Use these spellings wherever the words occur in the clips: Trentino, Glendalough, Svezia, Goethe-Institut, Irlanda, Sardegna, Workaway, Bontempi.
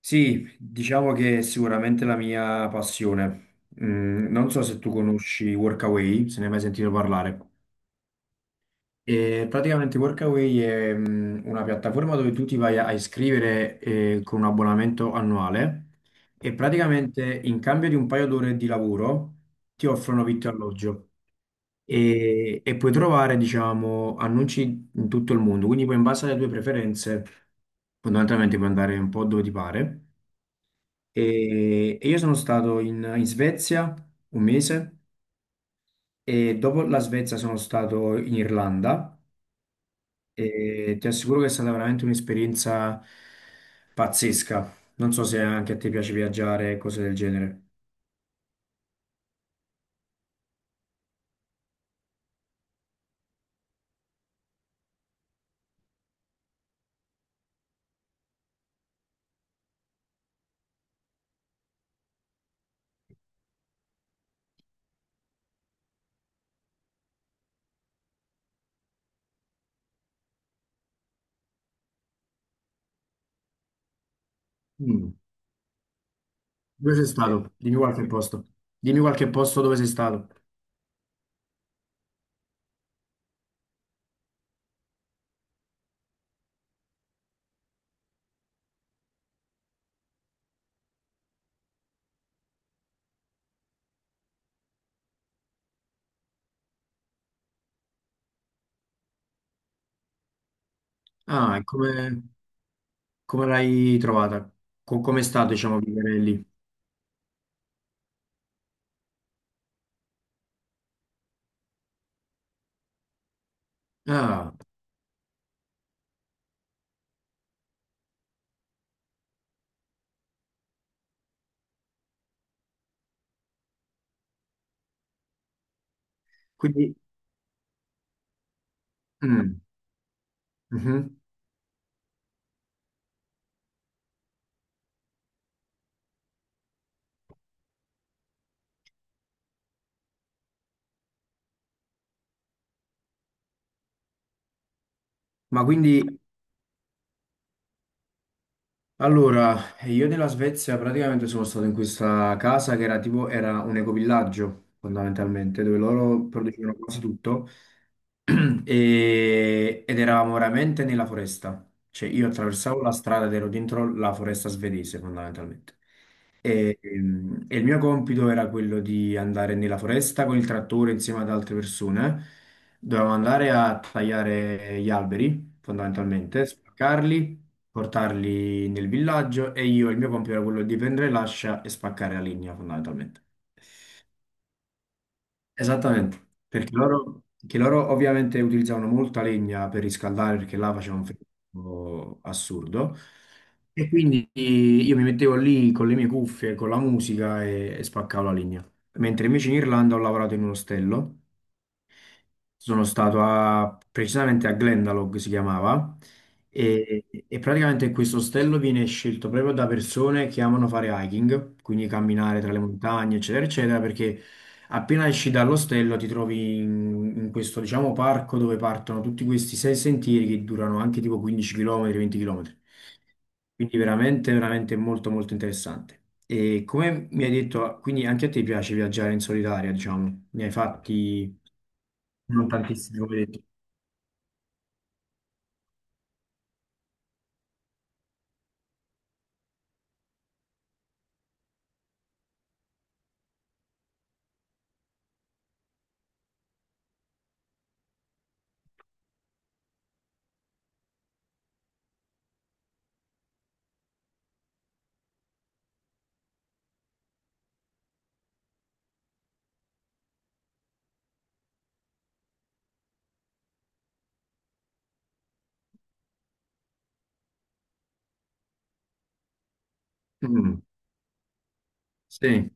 Sì, diciamo che è sicuramente la mia passione. Mm, non so se tu conosci Workaway, se ne hai mai sentito parlare. E praticamente Workaway è una piattaforma dove tu ti vai a iscrivere con un abbonamento annuale e praticamente in cambio di un paio d'ore di lavoro ti offrono vitto e alloggio e, puoi trovare, diciamo, annunci in tutto il mondo. Quindi poi in base alle tue preferenze, fondamentalmente puoi andare un po' dove ti pare. E, io sono stato in Svezia un mese e dopo la Svezia sono stato in Irlanda e ti assicuro che è stata veramente un'esperienza pazzesca. Non so se anche a te piace viaggiare, cose del genere. Mm. Dove sei stato? Dimmi qualche posto. Dimmi qualche posto dove sei stato. Ah, e come, come l'hai trovata? Com'è stato, diciamo, vivere lì? Ah, quindi... mm, mhm. Ma quindi Allora, io nella Svezia praticamente sono stato in questa casa che era tipo, era un ecovillaggio fondamentalmente, dove loro producevano quasi tutto ed eravamo veramente nella foresta. Cioè io attraversavo la strada ed ero dentro la foresta svedese fondamentalmente. E, il mio compito era quello di andare nella foresta con il trattore insieme ad altre persone. Dovevamo andare a tagliare gli alberi fondamentalmente, spaccarli, portarli nel villaggio e io il mio compito era quello di prendere l'ascia e spaccare la linea fondamentalmente. Esattamente, perché loro ovviamente utilizzavano molta legna per riscaldare perché là faceva un freddo assurdo e quindi io mi mettevo lì con le mie cuffie, con la musica e, spaccavo la legna. Mentre invece in Irlanda ho lavorato in un ostello, sono stato precisamente a Glendalough si chiamava. Mm. E, praticamente questo ostello viene scelto proprio da persone che amano fare hiking, quindi camminare tra le montagne, eccetera, eccetera, perché appena esci dall'ostello ti trovi in questo, diciamo, parco dove partono tutti questi sei sentieri che durano anche tipo 15 km, 20 km. Quindi veramente, veramente molto, molto interessante. E come mi hai detto, quindi anche a te piace viaggiare in solitaria, diciamo, ne hai fatti... Non tantissimi, come hai detto. Mm, sì,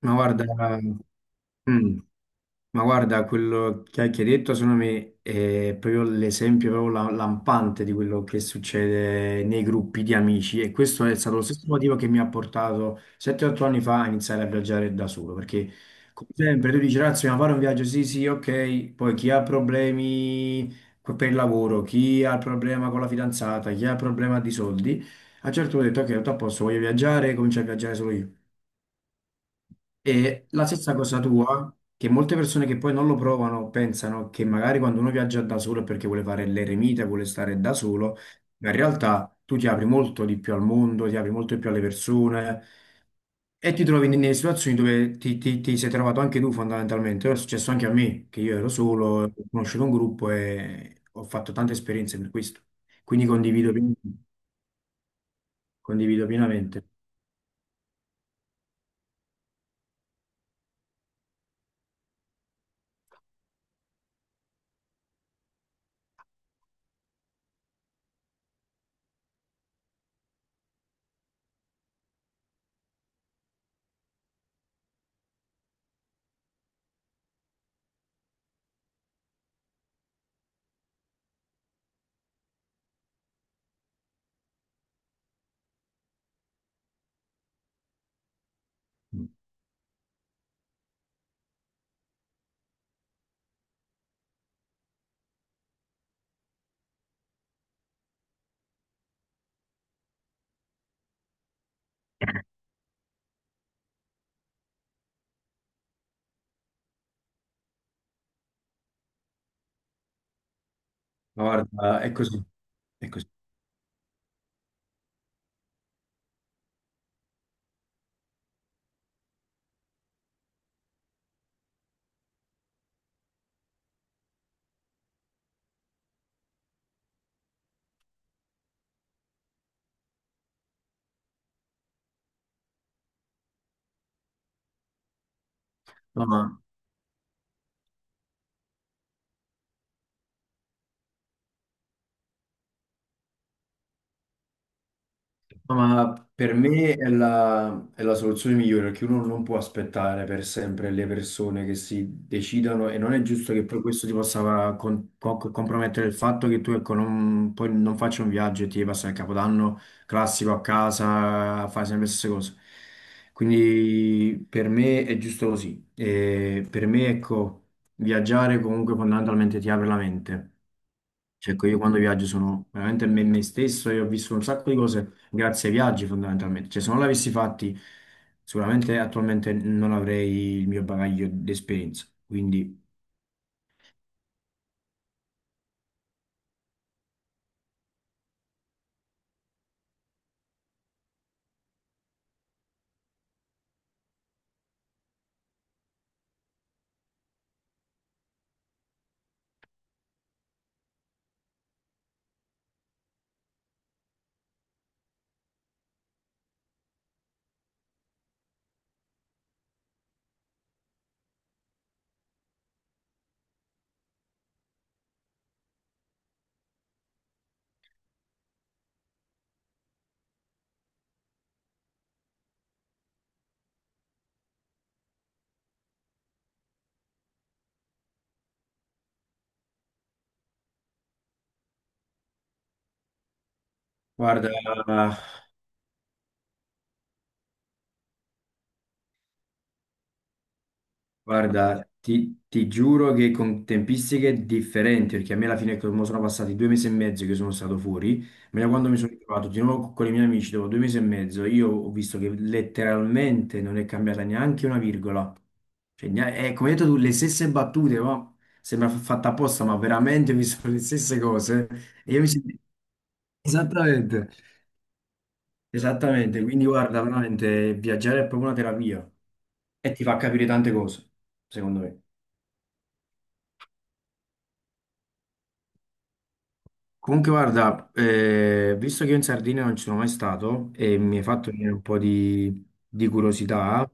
ma guarda, mm, ma guarda, quello che hai detto secondo me è proprio l'esempio, proprio lampante di quello che succede nei gruppi di amici, e questo è stato lo stesso motivo che mi ha portato 7-8 anni fa a iniziare a viaggiare da solo, perché come sempre tu dici, ragazzi, ma fare un viaggio, sì, sì, ok, poi chi ha problemi per il lavoro, chi ha il problema con la fidanzata, chi ha il problema di soldi, a un certo punto ho detto, ok, tutto a posto, voglio viaggiare, comincio a viaggiare solo io. E la stessa cosa tua, che molte persone che poi non lo provano pensano che magari quando uno viaggia da solo è perché vuole fare l'eremita, vuole stare da solo, ma in realtà tu ti apri molto di più al mondo, ti apri molto di più alle persone e ti trovi nelle situazioni dove ti sei trovato anche tu fondamentalmente. È successo anche a me, che io ero solo, ho conosciuto un gruppo e ho fatto tante esperienze per questo. Quindi condivido pienamente. Ma guarda, è così, è così. No, ma No, ma per me è la soluzione migliore, perché uno non può aspettare per sempre le persone che si decidano e non è giusto che poi questo ti possa compromettere il fatto che tu, ecco, non, poi non faccia un viaggio e ti passa il Capodanno classico a casa, fai sempre le stesse cose. Quindi per me è giusto così. E per me, ecco, viaggiare comunque fondamentalmente ti apre la mente. Cioè, ecco, io quando viaggio sono veramente me stesso e ho visto un sacco di cose grazie ai viaggi fondamentalmente. Cioè, se non l'avessi fatti, sicuramente attualmente non avrei il mio bagaglio di esperienza. Quindi, guarda, Guarda, ti ti giuro che con tempistiche differenti, perché a me alla fine come sono passati due mesi e mezzo che sono stato fuori, ma da quando mi sono ritrovato di nuovo con i miei amici dopo due mesi e mezzo, io ho visto che letteralmente non è cambiata neanche una virgola. Cioè, come hai detto tu, le stesse battute, ma sembra fatta apposta, ma veramente mi sono le stesse cose. E io mi sento... Esattamente, esattamente. Quindi guarda, veramente viaggiare è proprio una terapia e ti fa capire tante cose, secondo me. Comunque, guarda, visto che io in Sardegna non ci sono mai stato e mi hai fatto venire un po' di curiosità,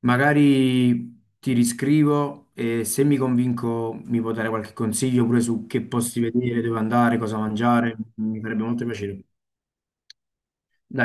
magari ti riscrivo e se mi convinco mi puoi dare qualche consiglio pure su che posti vedere, dove andare, cosa mangiare, mi farebbe molto piacere. Dai.